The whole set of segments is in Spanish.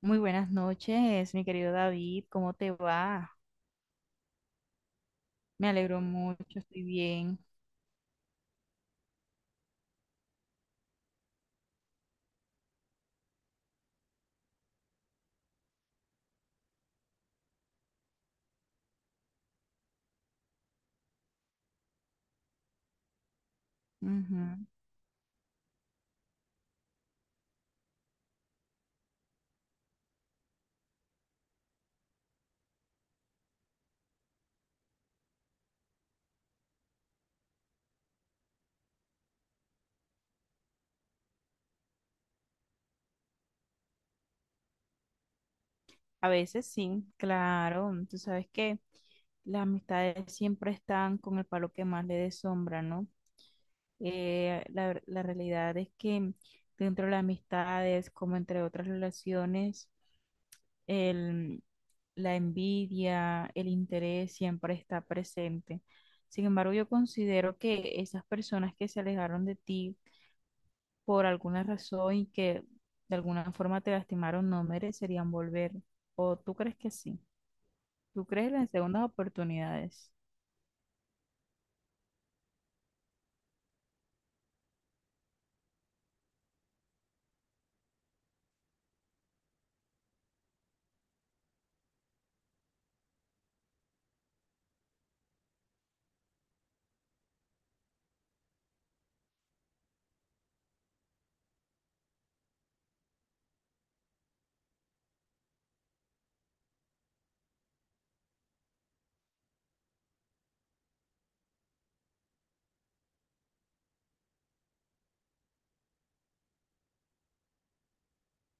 Muy buenas noches, mi querido David, ¿cómo te va? Me alegro mucho, estoy bien. Ujú. A veces sí, claro, tú sabes que las amistades siempre están con el palo que más le dé sombra, ¿no? La realidad es que dentro de las amistades, como entre otras relaciones, el, la envidia, el interés siempre está presente. Sin embargo, yo considero que esas personas que se alejaron de ti, por alguna razón y que de alguna forma te lastimaron, no merecerían volver. ¿O tú crees que sí? ¿Tú crees en las segundas oportunidades?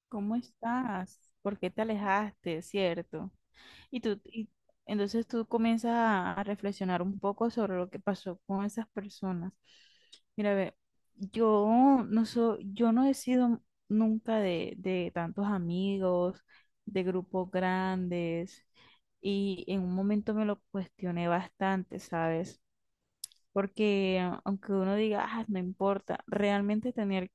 ¿Cómo estás? ¿Por qué te alejaste? ¿Cierto? Y entonces tú comienzas a reflexionar un poco sobre lo que pasó con esas personas. Mira, ve, yo no he sido nunca de tantos amigos, de grupos grandes, y en un momento me lo cuestioné bastante, ¿sabes? Porque aunque uno diga, ah, no importa, realmente tener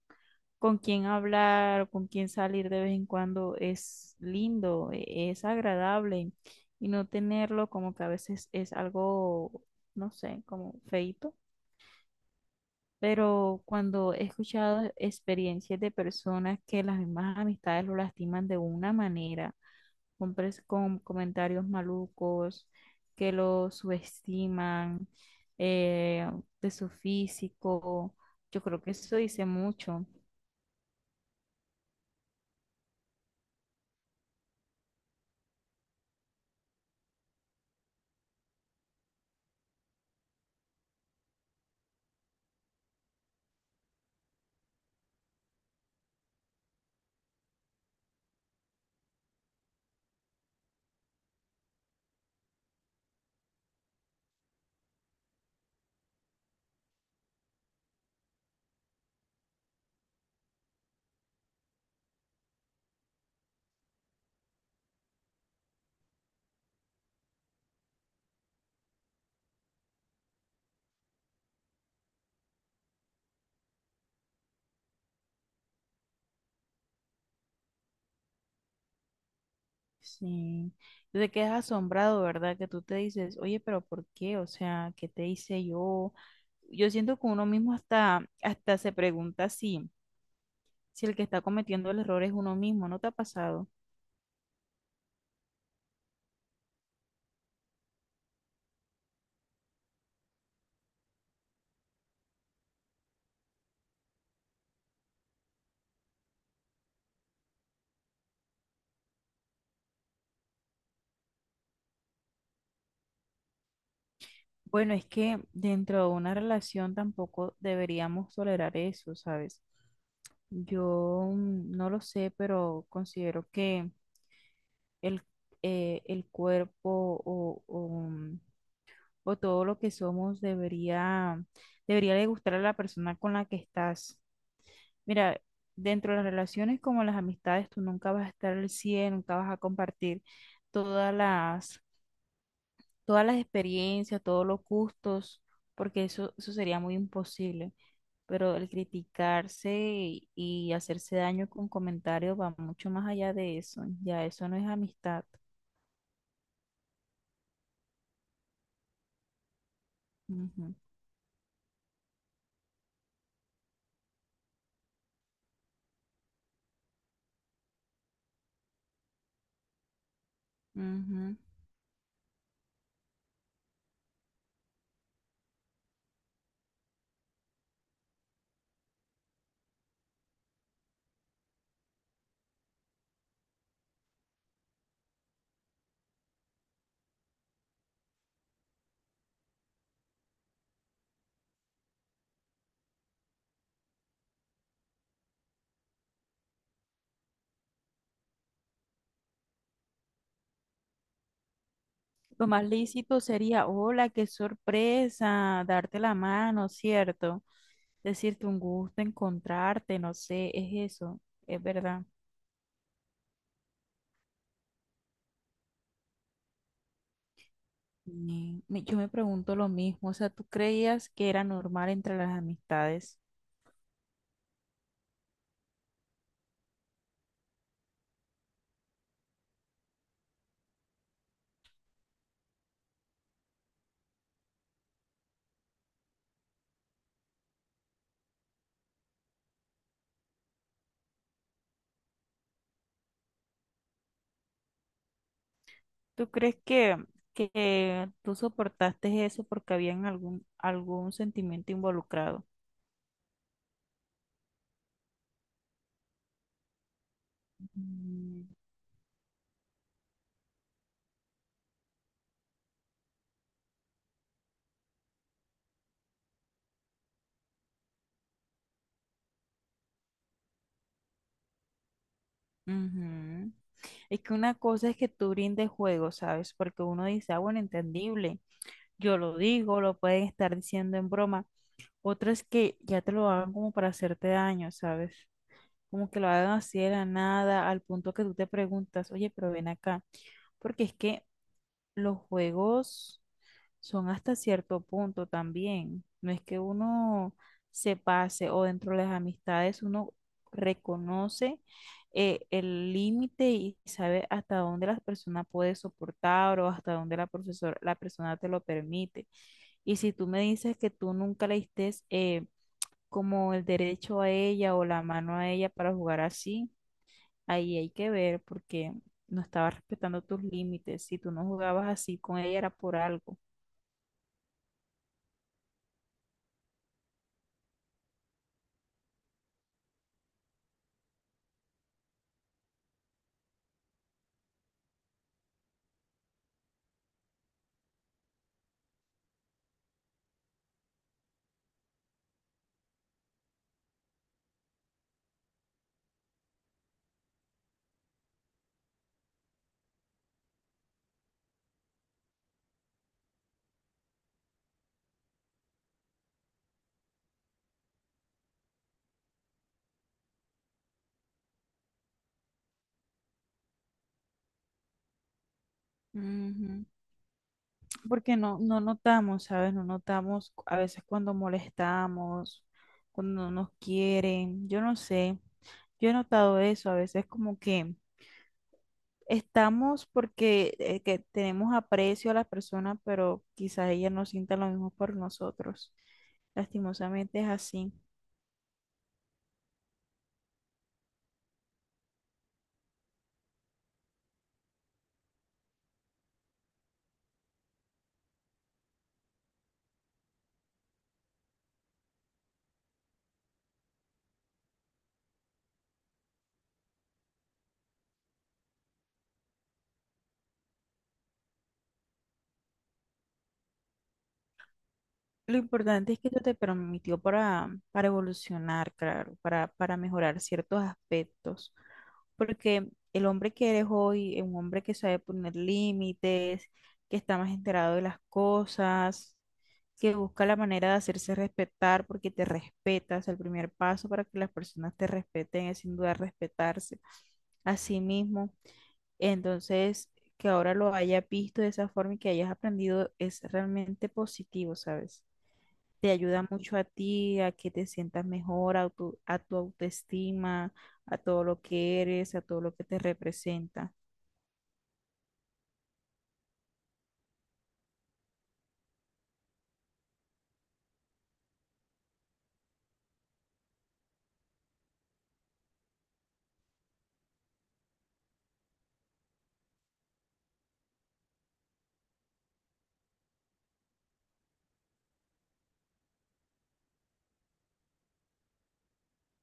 con quién hablar o con quién salir de vez en cuando es lindo, es agradable y no tenerlo como que a veces es algo, no sé, como feito. Pero cuando he escuchado experiencias de personas que las mismas amistades lo lastiman de una manera, hombres con comentarios malucos, que lo subestiman, eh, de su físico. Yo creo que eso dice mucho. Sí. Te quedas asombrado, ¿verdad? Que tú te dices, oye, pero ¿por qué? O sea, ¿qué te hice yo? Yo siento que uno mismo hasta se pregunta si el que está cometiendo el error es uno mismo, ¿no te ha pasado? Bueno, es que dentro de una relación tampoco deberíamos tolerar eso, ¿sabes? Yo no lo sé, pero considero que el, el cuerpo o todo lo que somos debería de gustar a la persona con la que estás. Mira, dentro de las relaciones como las amistades, tú nunca vas a estar al cien, nunca vas a compartir todas las, todas las experiencias, todos los gustos, porque eso sería muy imposible. Pero el criticarse y hacerse daño con comentarios va mucho más allá de eso, ya eso no es amistad. Ujú, ujú. Lo más lícito sería, hola, qué sorpresa, darte la mano, ¿cierto? Decirte un gusto, encontrarte, no sé, es eso, es verdad. Yo me pregunto lo mismo, o sea, ¿tú creías que era normal entre las amistades? ¿Tú crees que tú soportaste eso porque había algún, algún sentimiento involucrado? Mm, ujú. Es que una cosa es que tú brindes juego, ¿sabes? Porque uno dice, ah, bueno, entendible, yo lo digo, lo pueden estar diciendo en broma. Otra es que ya te lo hagan como para hacerte daño, ¿sabes? Como que lo hagan así de la nada, al punto que tú te preguntas, oye, pero ven acá, porque es que los juegos son hasta cierto punto también. No es que uno se pase, o dentro de las amistades uno reconoce el límite y sabe hasta dónde la persona puede soportar o hasta dónde la persona te lo permite. Y si tú me dices que tú nunca le diste como el derecho a ella o la mano a ella para jugar así, ahí hay que ver porque no estabas respetando tus límites. Si tú no jugabas así con ella era por algo. Ujú. Porque no, no notamos, ¿sabes? No notamos a veces cuando molestamos, cuando no nos quieren, yo no sé. Yo he notado eso, a veces como que estamos porque que tenemos aprecio a las personas, pero quizás ellas no sientan lo mismo por nosotros. Lastimosamente es así. Lo importante es que esto te permitió para evolucionar, claro, para mejorar ciertos aspectos. Porque el hombre que eres hoy es un hombre que sabe poner límites, que está más enterado de las cosas, que busca la manera de hacerse respetar porque te respetas. El primer paso para que las personas te respeten es sin duda respetarse a sí mismo. Entonces, que ahora lo hayas visto de esa forma y que hayas aprendido es realmente positivo, ¿sabes? Te ayuda mucho a ti, a que te sientas mejor, a a tu autoestima, a todo lo que eres, a todo lo que te representa.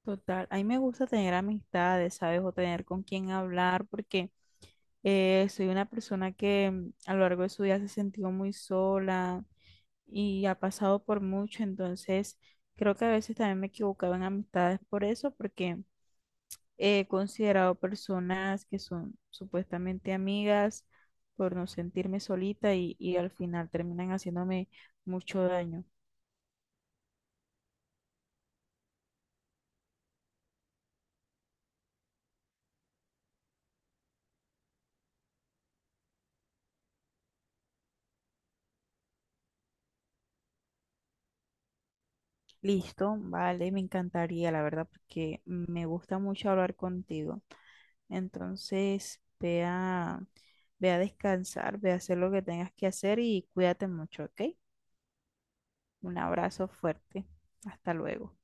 Total, a mí me gusta tener amistades, ¿sabes? O tener con quién hablar, porque soy una persona que, a lo largo de su vida, se ha sentido muy sola y ha pasado por mucho, entonces creo que a veces también me he equivocado en amistades por eso, porque he considerado personas que son supuestamente amigas por no sentirme solita y al final terminan haciéndome mucho daño. Listo, vale, me encantaría, la verdad, porque me gusta mucho hablar contigo. Entonces, ve a descansar, ve a hacer lo que tengas que hacer y cuídate mucho, ¿ok? Un abrazo fuerte. Hasta luego.